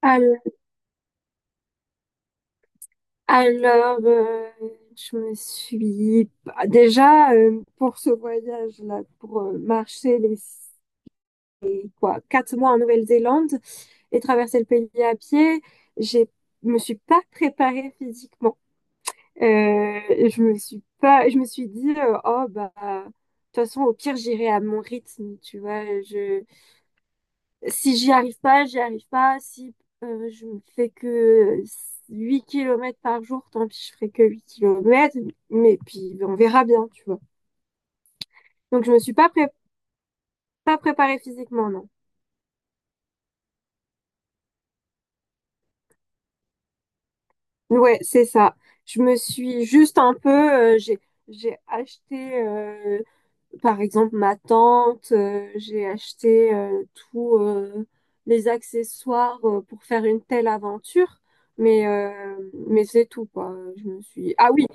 Al- Alors, je me suis bah, déjà pour ce voyage-là, pour marcher les quoi, 4 mois en Nouvelle-Zélande et traverser le pays à pied, j'ai me suis pas préparée physiquement. Euh, je me suis pas, je me suis dit oh bah de toute façon au pire j'irai à mon rythme, tu vois. Je Si j'y arrive pas, j'y arrive pas. Si je me fais que 8 kilomètres par jour, tant pis, je ferai que 8 kilomètres. Mais puis, on verra bien, tu vois. Donc, je me suis pas préparée physiquement, non. Ouais, c'est ça. Je me suis juste un peu... J'ai acheté, par exemple, ma tente. J'ai acheté tous les accessoires pour faire une telle aventure. Mais c'est tout, quoi. Ah oui,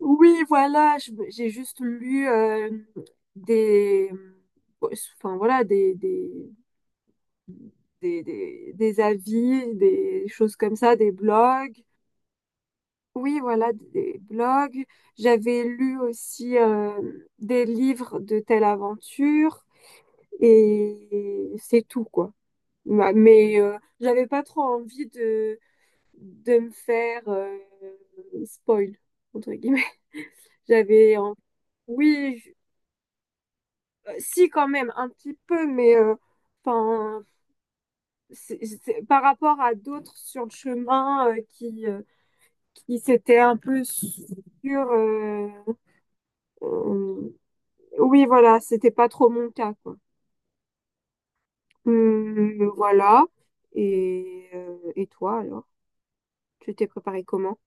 oui, voilà, j'ai juste lu des, enfin voilà, des avis, des choses comme ça, des blogs. Oui, voilà, des blogs. J'avais lu aussi des livres de telle aventure et c'est tout, quoi. Mais j'avais pas trop envie de me faire spoil, entre guillemets. J'avais en- Oui. Si, quand même, un petit peu, mais 'fin, par rapport à d'autres sur le chemin qui s'étaient euh, oui, voilà, c'était pas trop mon cas, quoi. Voilà. Et toi, alors? Tu t'es préparé comment?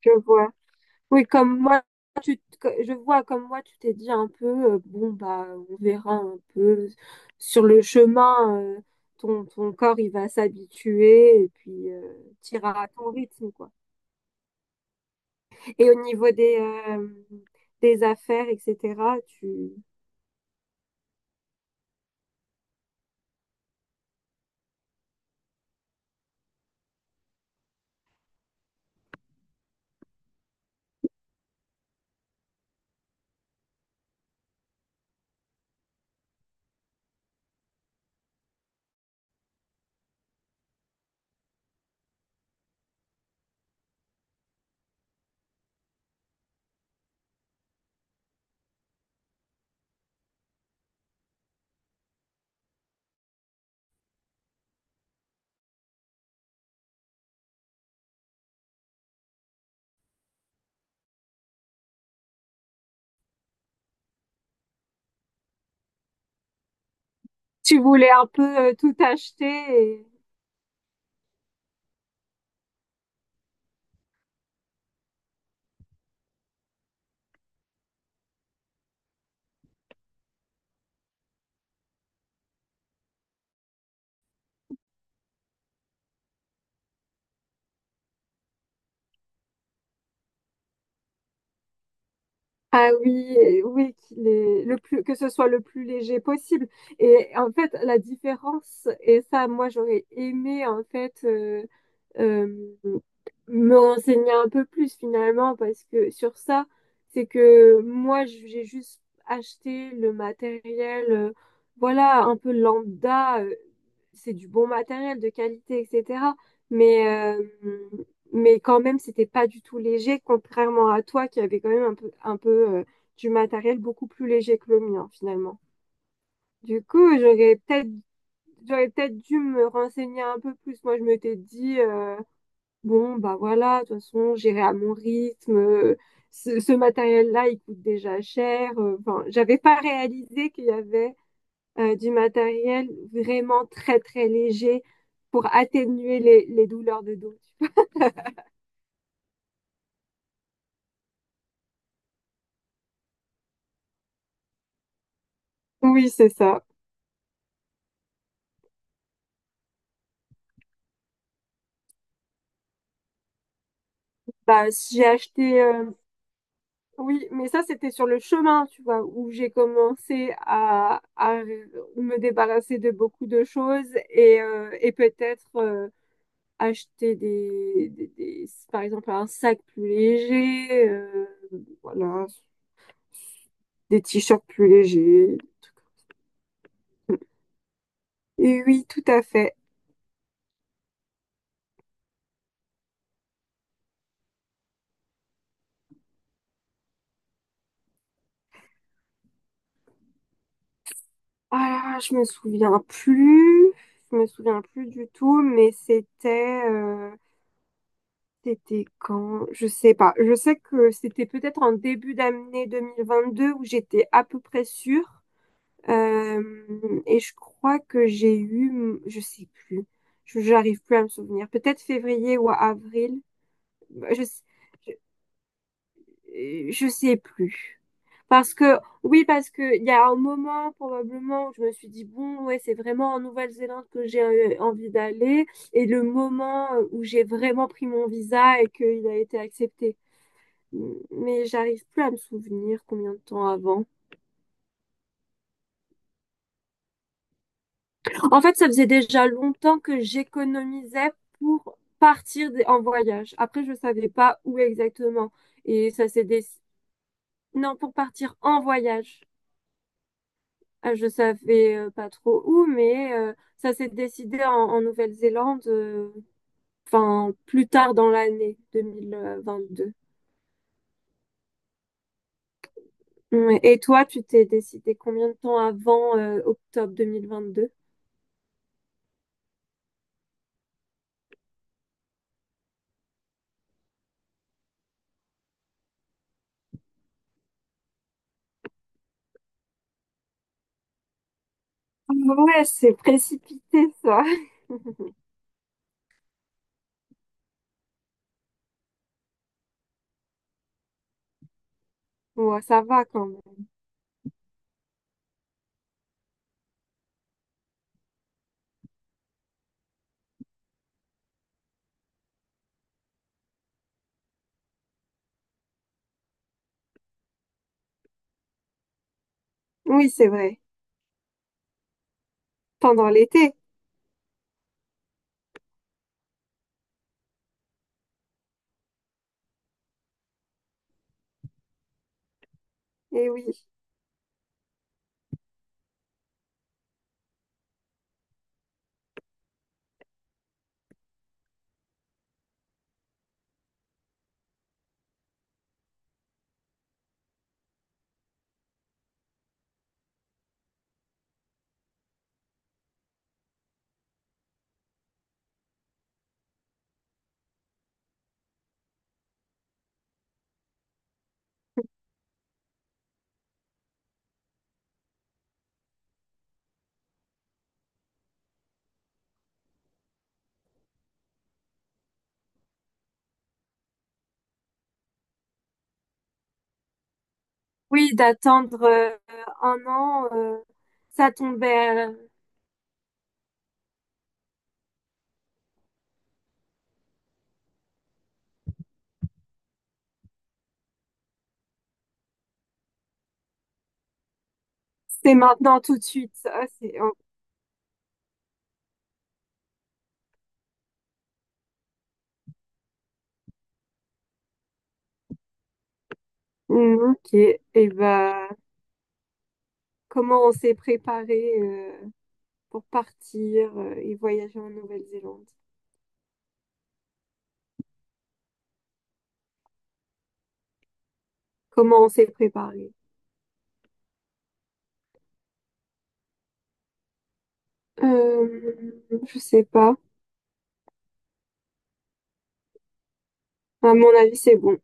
Je vois. Oui, comme moi, je vois comme moi, tu t'es dit un peu, bon, bah, on verra un peu sur le chemin, ton corps, il va s'habituer et puis t'iras à ton rythme, quoi. Et au niveau des affaires, etc., tu, tu voulais un peu tout acheter. Ah oui, et oui, qu'il est le plus, que ce soit le plus léger possible. Et en fait, la différence, et ça, moi, j'aurais aimé, en fait, euh, me renseigner un peu plus finalement parce que sur ça, c'est que moi j'ai juste acheté le matériel, voilà, un peu lambda, c'est du bon matériel de qualité, etc. Mais, euh, mais quand même, c'était pas du tout léger, contrairement à toi qui avait quand même un peu du matériel beaucoup plus léger que le mien finalement. Du coup, j'aurais peut-être dû me renseigner un peu plus. Moi, je m'étais dit, bon, bah voilà, de toute façon, j'irai à mon rythme. Ce matériel-là, il coûte déjà cher. Enfin, j'avais pas réalisé qu'il y avait du matériel vraiment très, très léger pour atténuer les douleurs de dos. Oui, c'est ça. Bah, j'ai acheté. Oui, mais ça, c'était sur le chemin, tu vois, où j'ai commencé à me débarrasser de beaucoup de choses et peut-être acheter par exemple, un sac plus léger, voilà, des t-shirts plus légers. Et oui, tout à fait. Ah, je me souviens plus, je me souviens plus du tout, mais c'était quand? Je sais pas. Je sais que c'était peut-être en début d'année 2022 où j'étais à peu près sûre. Et je crois que j'ai eu, je sais plus. J'arrive plus à me souvenir. Peut-être février ou avril. Bah, je, je sais plus. Parce que, oui, parce que il y a un moment probablement où je me suis dit, bon, ouais, c'est vraiment en Nouvelle-Zélande que j'ai envie d'aller. Et le moment où j'ai vraiment pris mon visa et qu'il a été accepté. Mais j'arrive plus à me souvenir combien de temps avant. En fait, ça faisait déjà longtemps que j'économisais pour partir en voyage. Après, je savais pas où exactement. Et ça s'est décidé. Non, pour partir en voyage. Ah, je savais pas trop où, mais ça s'est décidé en Nouvelle-Zélande, enfin plus tard dans l'année 2022. Ouais. Et toi, tu t'es décidé combien de temps avant octobre 2022? Ouais, c'est précipité ça. Ouais, ça va quand même. Oui, c'est vrai. Pendant l'été. Eh oui. Oui, d'attendre 1 an, ça tombait, c'est maintenant tout de suite. Ah, c'est, oh, mm, ok. Et ben, comment on s'est préparé pour partir et voyager en Nouvelle-Zélande? Comment on s'est préparé? Euh, je sais pas. À mon avis, c'est bon.